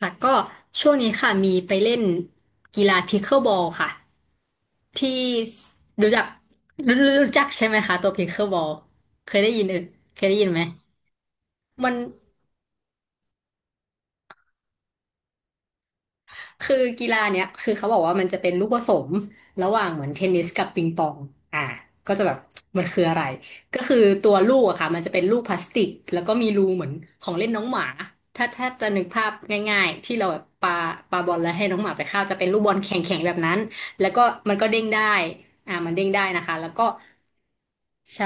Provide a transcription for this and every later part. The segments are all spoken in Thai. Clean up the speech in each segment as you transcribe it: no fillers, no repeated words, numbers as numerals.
ค่ะก็ช่วงนี้ค่ะมีไปเล่นกีฬาพิ c เกิลบอลค่ะที่รู้จักรู้รู้จักใช่ไหมคะตัวพิ c เกิลบอลเคยได้ยินเคยได้ยินไหมมัน คือกีฬาเนี้ยคือเขาบอกว่ามันจะเป็นลูกผสมระหว่างเหมือนเทนนิสกับปิงปองอ่าก็จะแบบมันคืออะไรก็คือตัวลูกอะค่ะมันจะเป็นลูกพลาสติกแล้วก็มีรูเหมือนของเล่นน้องหมาถ้าจะนึกภาพง่ายๆที่เราแบบปาปาบอลแล้วให้น้องหมาไปเข้าจะเป็นลูกบอลแข็งๆแบบนั้นแล้วก็มันก็เด้งได้มันเด้งได้นะคะแล้วก็ใช่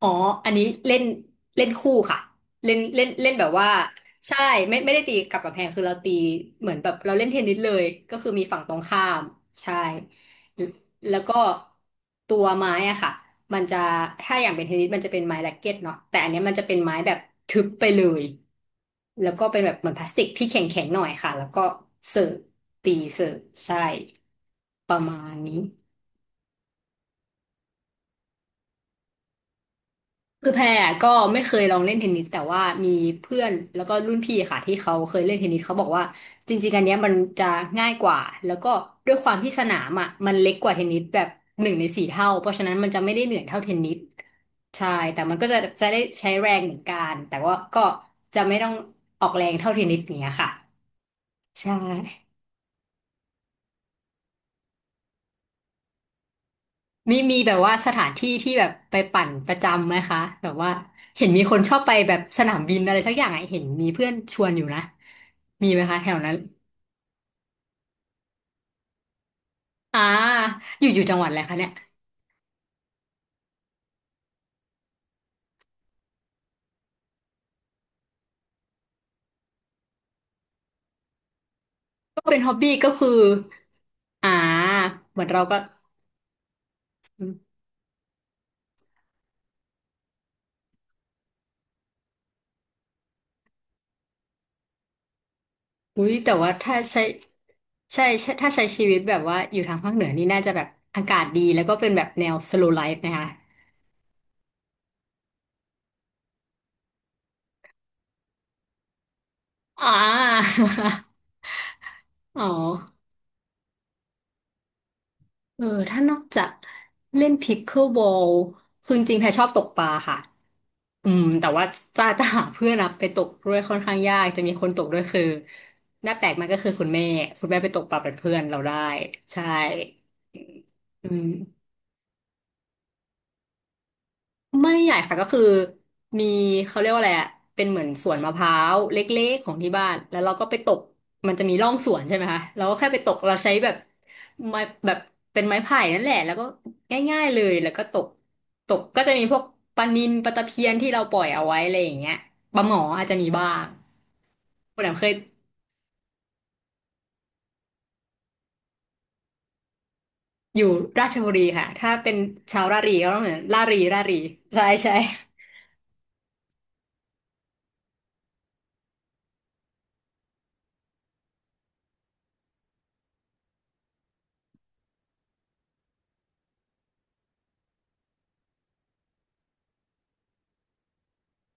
อ๋ออันนี้เล่นเล่นคู่ค่ะเล่นเล่นเล่นแบบว่าใช่ไม่ได้ตีกับกำแพงคือเราตีเหมือนแบบเราเล่นเทนนิสเลยก็คือมีฝั่งตรงข้ามใช่แล้วก็ตัวไม้อะค่ะมันจะถ้าอย่างเป็นเทนนิสมันจะเป็นไม้แร็กเก็ตเนาะแต่อันเนี้ยมันจะเป็นไม้แบบทึบไปเลยแล้วก็เป็นแบบเหมือนพลาสติกที่แข็งแข็งหน่อยค่ะแล้วก็เสิร์ฟตีเสิร์ฟใช่ประมาณนี้ คือแพรก็ไม่เคยลองเล่นเทนนิสแต่ว่ามีเพื่อนแล้วก็รุ่นพี่ค่ะที่เขาเคยเล่นเทนนิสเขาบอกว่าจริงๆอันเนี้ยมันจะง่ายกว่าแล้วก็ด้วยความที่สนามอ่ะมันเล็กกว่าเทนนิสแบบหนึ่งในสี่เท่าเพราะฉะนั้นมันจะไม่ได้เหนื่อยเท่าเทนนิสใช่แต่มันก็จะได้ใช้แรงเหมือนกันแต่ว่าก็จะไม่ต้องออกแรงเท่าเทนนิสอย่างเนี้ยค่ะใช่ มีแบบว่าสถานที่ที่แบบไปปั่นประจำไหมคะแบบว่าเห็นมีคนชอบไปแบบสนามบินอะไรสักอย่างไอะเห็นมีเพื่อนชวนอยู่นะมีไหมคะแถวนั้นอ่าอยู่จังหวัดอะไรคะเนี่ยก็เป็นฮ็อบบี้ก็คืออ่าเหมือนเราก็อุ้ยแต่ว่าถ้าใช้ใช่ใช่ถ้าใช้ชีวิตแบบว่าอยู่ทางภาคเหนือนี่น่าจะแบบอากาศดีแล้วก็เป็นแบบแนว slow life นะคะอ่า อ๋อ ถ้านอกจากเล่นพิกเกิลบอลคือจริงๆแพรชอบตกปลาค่ะอืมแต่ว่าจะ จะหาเพื่อนอะไปตกด้วยค่อนข้างยากจะมีคนตกด้วยคือหน้าแปลกมากก็คือคุณแม่ไปตกปลาเป็นเพื่อนเราได้ใช่อืม ไม่ใหญ่ค่ะก็คือมีเขาเรียกว่าอะไรอะเป็นเหมือนสวนมะพร้าวเล็กๆของที่บ้านแล้วเราก็ไปตกมันจะมีร่องสวนใช่ไหมคะเราก็แค่ไปตกเราใช้แบบไม้แบบเป็นไม้ไผ่นั่นแหละแล้วก็ง่ายๆเลยแล้วก็ตกตกก็จะมีพวกปลานิลปลาตะเพียนที่เราปล่อยเอาไว้อะไรอย่างเงี้ยปลาหมออาจจะมีบ้างคุณแอมเคยอยู่ราชบุรีค่ะถ้าเป็นชาวรารีก็ต้องเหมือนรารีรารีใช่ใช่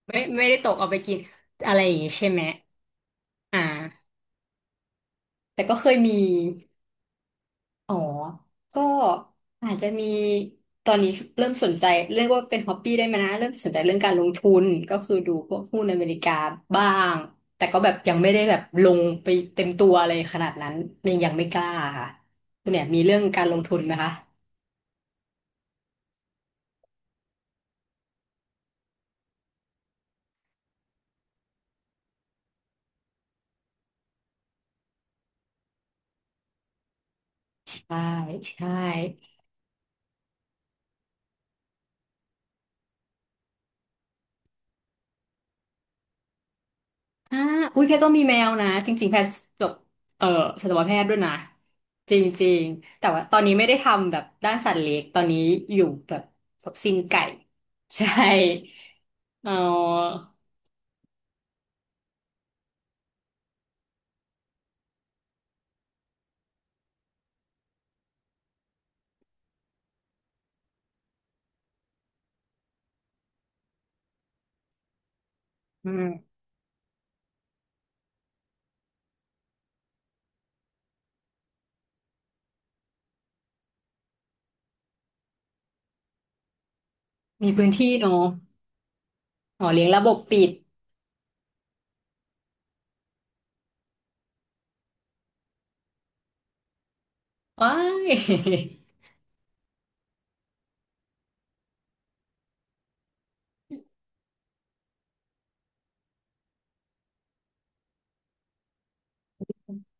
ไม่ได้ตกเอาไปกินอะไรอย่างงี้ใช่ไหมอ่าแต่ก็เคยมี อ๋อ ก็อาจจะมีตอนนี้เริ่มสนใจเรียกว่าเป็นฮอ b ปี้ได้ไหมนะเริ่มสนใจเรื่องการลงทุนก็คือดูพวกหุ้นอเมริกาบ้างแต่ก็แบบยังไม่ได้แบบลงไปเต็มตัวเลยขนาดนั้นยังไม่กล้าค่ะคุณเนี่ยมีเรื่องการลงทุนไหมคะใช่ใช่ อ่าอุ้ยแพทก็มีแมวนะจริงๆแพทจบเอ่อสัตวแพทย์ด้วยนะจริงๆแต่ว่าตอนนี้ไม่ได้ทำแบบด้านสัตว์เลี้ยงตอนนี้อยู่แบบซิงไก่ใช่เอออืมมีพื้นที่เนอะอ๋อเลี้ยงระบบปิดว้าย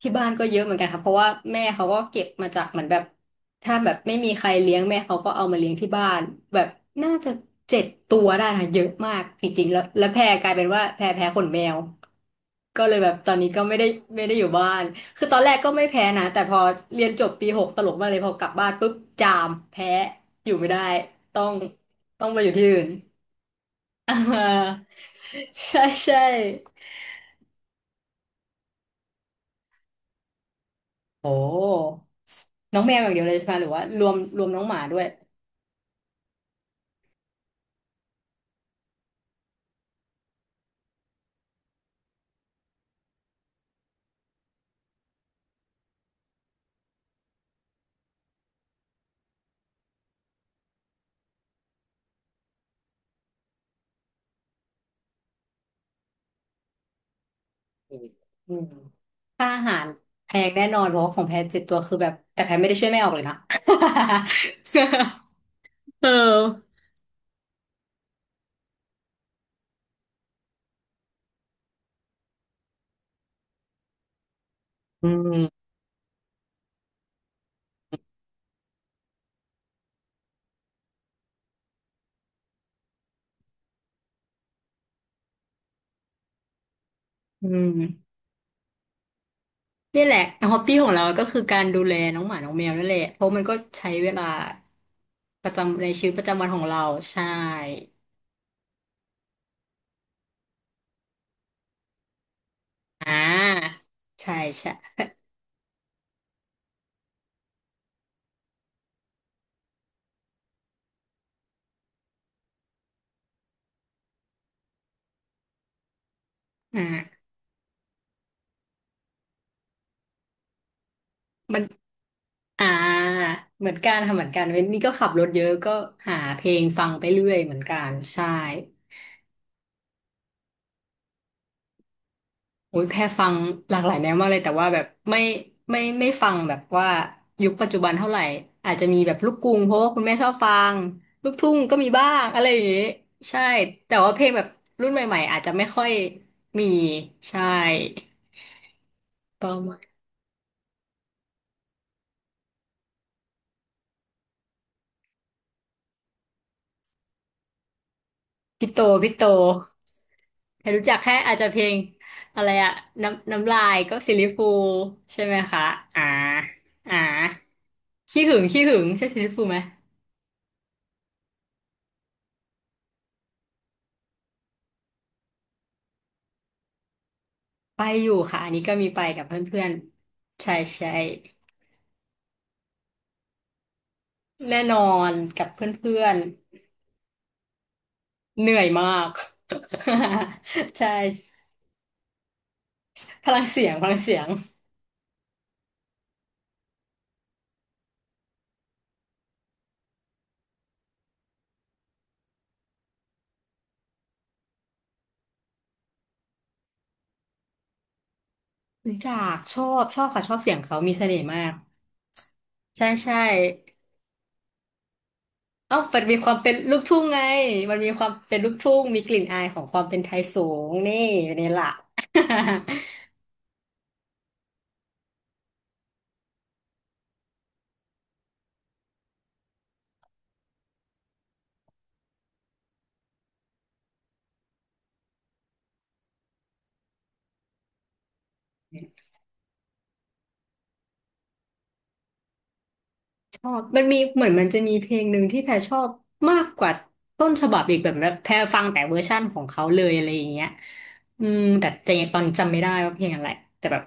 ที่บ้านก็เยอะเหมือนกันค่ะเพราะว่าแม่เขาก็เก็บมาจากเหมือนแบบถ้าแบบไม่มีใครเลี้ยงแม่เขาก็เอามาเลี้ยงที่บ้านแบบน่าจะเจ็ดตัวได้ค่ะเยอะมากจริงๆแล้วแพรกลายเป็นว่าแพรแพ้ขนแมวก็เลยแบบตอนนี้ก็ไม่ได้อยู่บ้านคือตอนแรกก็ไม่แพ้นะแต่พอเรียนจบปีหกตลกมากเลยพอกลับบ้านปุ๊บจามแพ้อยู่ไม่ได้ต้องต้องไปอยู่ที่อื่น อ่าใช่ใช่โอ้น้องแมวอย่างเดียวเลยใช่ไหมหรือว่ารวมรวมน้องหมาด้วย อืมค่าอาหารแพงแน่นอนเพราะว่าของแพงเจ็ดตัวคือแบบแต่แพงไม่ได้ช่วยแม่ออกเลยนะ เอออืมอืมนี่แหละฮอบบี้ของเราก็คือการดูแลน้องหมาน้องแมวนั่นแหละเพราะมันก็ใช้เวลาประจำในชีวิตประจำวันของเราใช่อ่าใช่ใช่อ่ามันอ่าเหมือนกันค่ะเหมือนกันเว้นนี่ก็ขับรถเยอะก็หาเพลงฟังไปเรื่อยเหมือนกันใช่ โอ้ยแพรฟังหลากหลายแนวมากเลยแต่ว่าแบบไม่ไม่ฟังแบบว่ายุคปัจจุบันเท่าไหร่อาจจะมีแบบลูกกรุงเพราะว่าคุณแม่ชอบฟังลูกทุ่งก็มีบ้างอะไรอย่างงี้ใช่แต่ว่าเพลงแบบรุ่นใหม่ๆอาจจะไม่ค่อยมีใช่ประมาณพี่โตแค่รู้จักแค่อาจจะเพลงอะไรอะน้ำลายก็ซิลลิฟูใช่ไหมคะอ่าอ่าขี้หึงขี้หึงใช่ซิลลิฟูไหม ไปอยู่ค่ะอันนี้ก็มีไปกับเพื่อนๆใช่ใช่แน่นอนกับเพื่อนๆเหนื่อยมาก ใช่พลังเสียงพลังเสียงรู้จักชอบชอบค่ะชอบเสียงเขามีเสน่ห์มากใช่ใช่เอ้ามันมีความเป็นลูกทุ่งไงมันมีความเป็นลูกทุ่งมีกลิ่นอายของความเป็นไทยสูงนี่นี่ล่ะ ชอบมันมีเหมือนมันจะมีเพลงหนึ่งที่แพรชอบมากกว่าต้นฉบับอีกแบบแบบแพรฟังแต่เวอร์ชั่นของเขาเลยอะไรอย่างเงี้ยแต่ยังตอนนี้จำไม่ได้ว่าเพลงอะไรแต่แบบ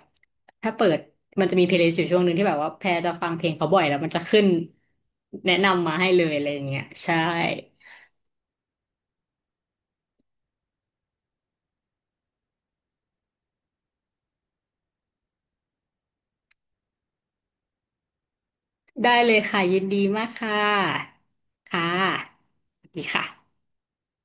ถ้าเปิดมันจะมีเพลย์ลิสต์อยู่ช่วงหนึ่งที่แบบว่าแพรจะฟังเพลงเขาบ่อยแล้วมันจะขึ้นแนะนำมาให้เลยอะไรอย่างเงี้ยใช่ได้เลยค่ะยินดีมากค่ะค่ะสวัสดีค่ะ